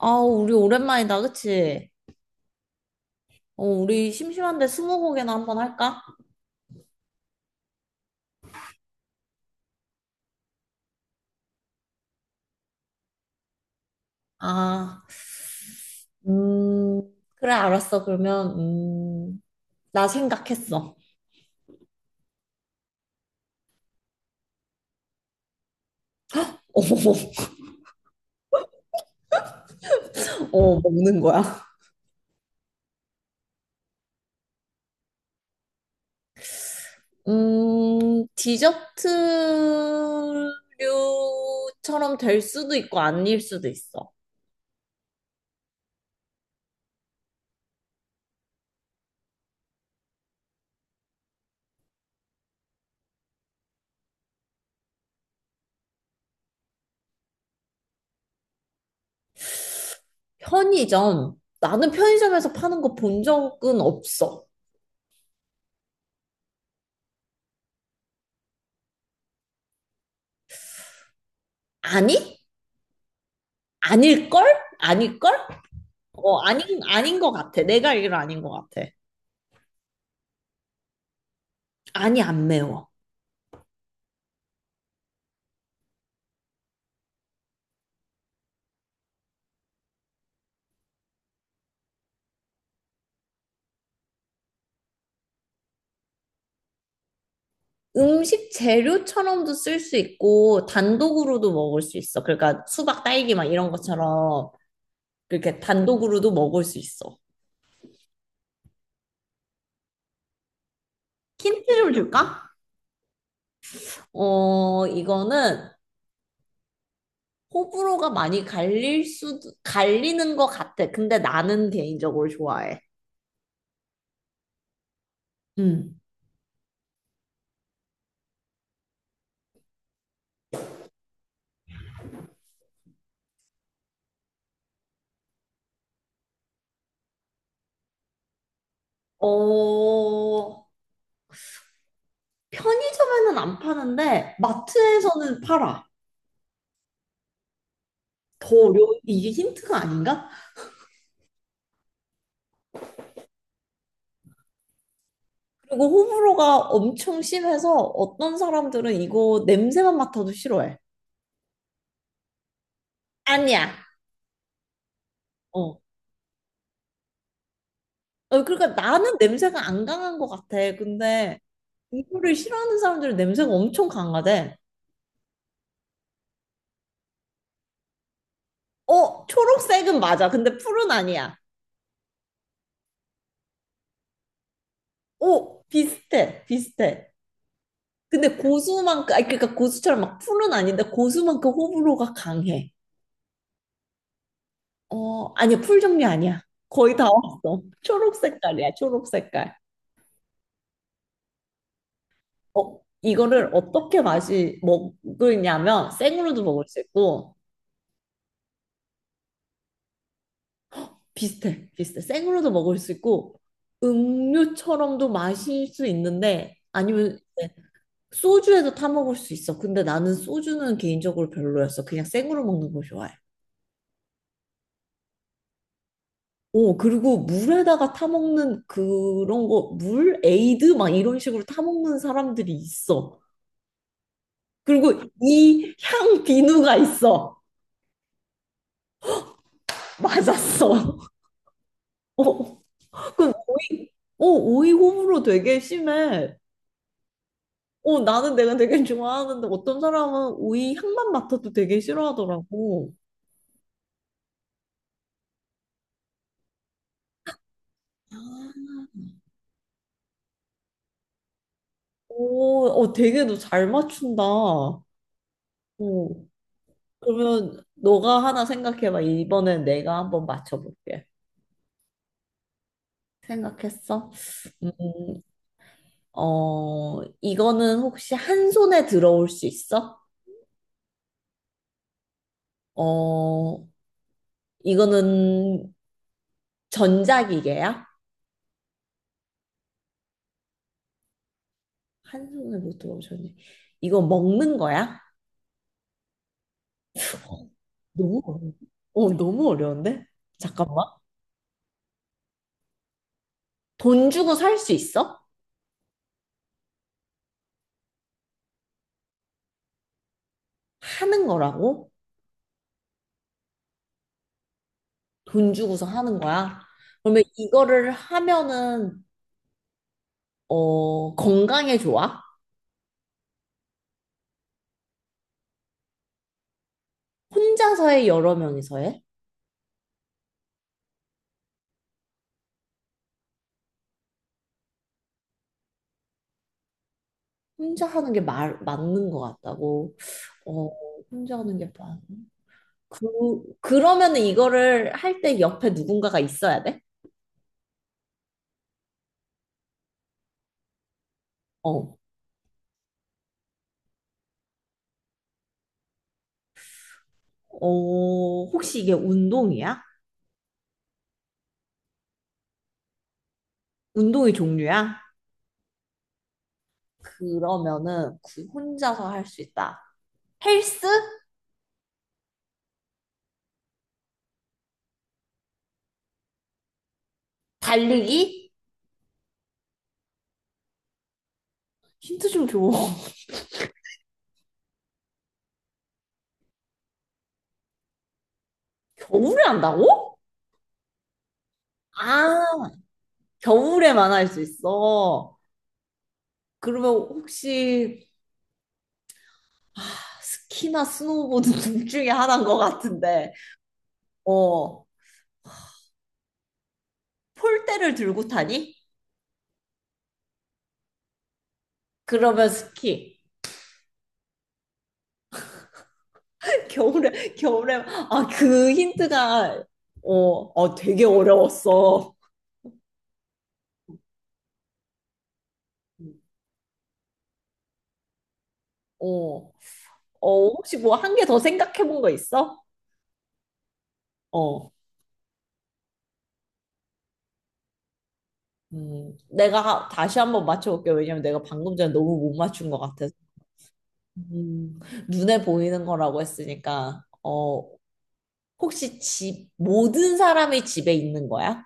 아, 우리 오랜만이다, 그치? 어, 우리 심심한데 스무고개나 한번 할까? 아, 음, 그래, 알았어. 그러면, 나 생각했어. 먹는 거야. 디저트류처럼 될 수도 있고, 아닐 수도 있어. 편의점. 나는 편의점에서 파는 거 본 적은 없어. 아니? 아닐걸? 아닐걸? 어, 아닌 것 같아. 내가 알기로 아닌 것 같아. 아니, 안 매워. 음식 재료처럼도 쓸 수 있고, 단독으로도 먹을 수 있어. 그러니까 수박, 딸기 막 이런 것처럼, 그렇게 단독으로도 먹을 수 있어. 힌트 좀 줄까? 어, 이거는 호불호가 많이 갈릴 수 갈리는 것 같아. 근데 나는 개인적으로 좋아해. 음. 어, 편의점에는 안 파는데, 마트에서는 팔아. 더 어려워. 이게 힌트가 아닌가? 그리고 호불호가 엄청 심해서 어떤 사람들은 이거 냄새만 맡아도 싫어해. 아니야. 어. 어, 그러니까 나는 냄새가 안 강한 것 같아. 근데 이거를 싫어하는 사람들은 냄새가 엄청 강하대. 어, 초록색은 맞아. 근데 푸른 아니야. 오, 비슷해. 비슷해. 근데 고수만큼, 아니, 그러니까 고수처럼 막 풀은 아닌데 고수만큼 호불호가 강해. 어, 아니야. 풀 종류 아니야. 거의 다 왔어. 초록 색깔이야. 초록 색깔. 어, 이거를 어떻게 맛이 먹느냐면 생으로도 먹을 수 있고 비슷해. 생으로도 먹을 수 있고 음료처럼도 마실 수 있는데 아니면 소주에도 타 먹을 수 있어. 근데 나는 소주는 개인적으로 별로였어. 그냥 생으로 먹는 거 좋아해. 오, 그리고 물에다가 타 먹는 그런 거, 물 에이드 막 이런 식으로 타 먹는 사람들이 있어. 그리고 이 향 비누가 있어. 맞았어. 어. 그 오이, 어, 오이 호불호 되게 심해. 어, 나는 내가 되게 좋아하는데 어떤 사람은 오이 향만 맡아도 되게 싫어하더라고. 오, 어, 되게 너 잘 맞춘다. 어, 그러면 너가 하나 생각해봐. 이번엔 내가 한번 맞춰볼게. 생각했어? 음, 어, 이거는 혹시 한 손에 들어올 수 있어? 어, 이거는 전자기계야? 한 손을 못 들어오셨네. 이거 먹는 거야? 어, 너무 어려운데? 잠깐만. 돈 주고 살 수 있어? 하는 거라고? 돈 주고서 하는 거야? 그러면 이거를 하면은 어, 건강에 좋아? 혼자서 해, 여러 명이서 해? 혼자 하는 게 말, 맞는 것 같다고. 어, 혼자 하는 게 맞. 그, 그러면은 이거를 할 때 옆에 누군가가 있어야 돼? 어. 어, 혹시 이게 운동이야? 운동의 종류야? 그러면은 그 혼자서 할 수 있다. 헬스? 달리기? 힌트 좀 줘. 겨울에 한다고? 아, 겨울에만 할 수 있어. 그러면 혹시 스키나 스노보드 둘 중에 하나인 것 같은데, 어, 폴대를 들고 타니? 그러면 스키. 겨울에, 아, 그 힌트가, 어, 어, 되게 어려웠어. 어, 어, 혹시 뭐 한 개 더 생각해 본 거 있어? 어. 내가 다시 한번 맞춰볼게. 요 왜냐면 내가 방금 전에 너무 못 맞춘 것 같아서. 음, 눈에 보이는 거라고 했으니까, 어, 혹시 집, 모든 사람이 집에 있는 거야?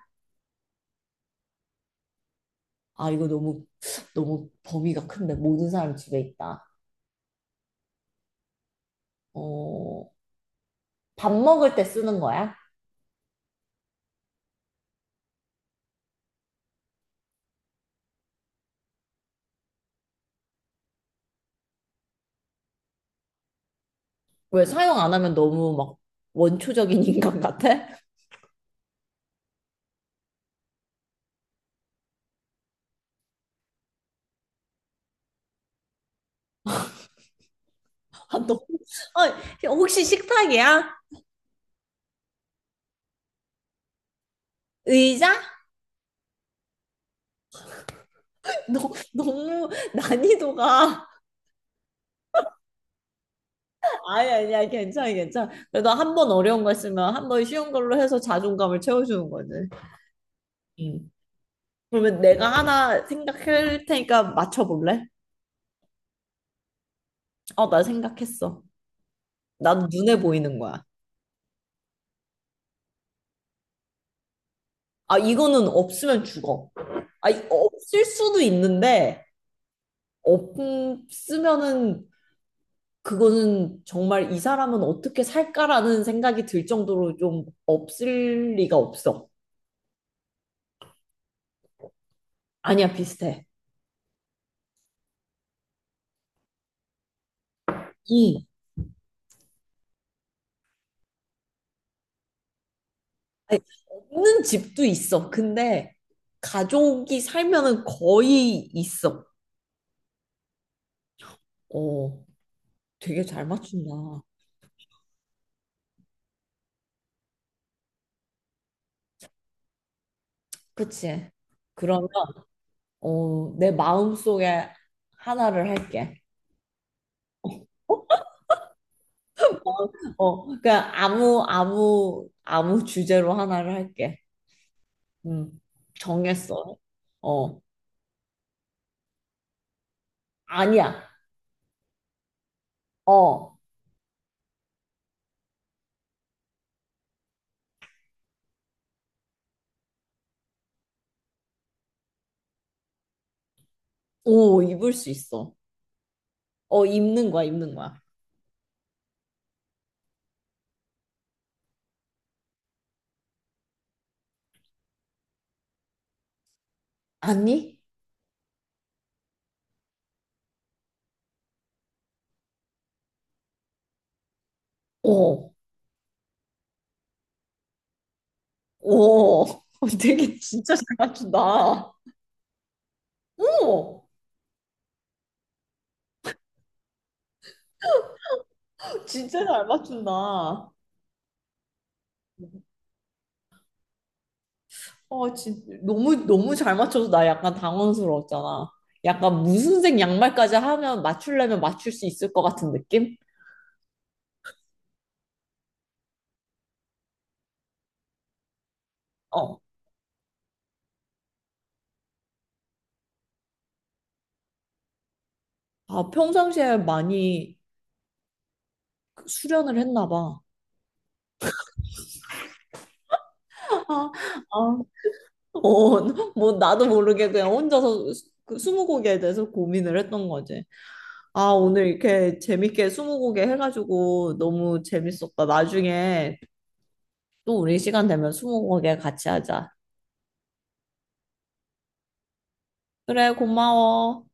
아, 이거 너무 범위가 큰데, 모든 사람이 집에 있다. 어, 밥 먹을 때 쓰는 거야? 왜 사용 안 하면 너무 막 원초적인 인간 같아? 아, 너무, 아, 혹시 식탁이야? 의자? 너, 너무 난이도가 아니 아니야, 괜찮아 괜찮아. 그래도 한 번 어려운 거 있으면 한 번 쉬운 걸로 해서 자존감을 채워주는 거지. 응. 그러면 내가 하나 생각할 테니까 맞춰볼래? 어, 나 생각했어. 난 눈에 보이는 거야. 아, 이거는 없으면 죽어. 아, 없을 수도 있는데 없으면은 그거는 정말 이 사람은 어떻게 살까라는 생각이 들 정도로 좀 없을 리가 없어. 아니야, 비슷해. 응. 아니, 없는 집도 있어. 근데 가족이 살면은 거의 있어. 어, 되게 잘 맞춘다. 그치? 그러면 어, 내 마음속에 하나를 할게. 어, 어, 그냥 아무 주제로 하나를 할게. 음, 정했어. 어, 아니야. 어, 오, 입을 수 있어. 어, 입는 거야. 아니? 어, 오, 되게 진짜 잘 맞춘다. 오! 진짜 잘 맞춘다. 어, 진, 너무 잘 맞춰서 나 약간 당황스러웠잖아. 약간 무슨 색 양말까지 하면 맞추려면 맞출 수 있을 것 같은 느낌? 어. 아, 평상시에 많이 그 수련을 했나 봐. 아, 아, 어, 뭐, 나도 모르게 그냥 혼자서 그 스무고개에 대해서 고민을 했던 거지. 아, 오늘 이렇게 재밌게 스무고개 해가지고 너무 재밌었다. 나중에 또 우리 시간 되면 스무고개 같이 하자. 그래, 고마워.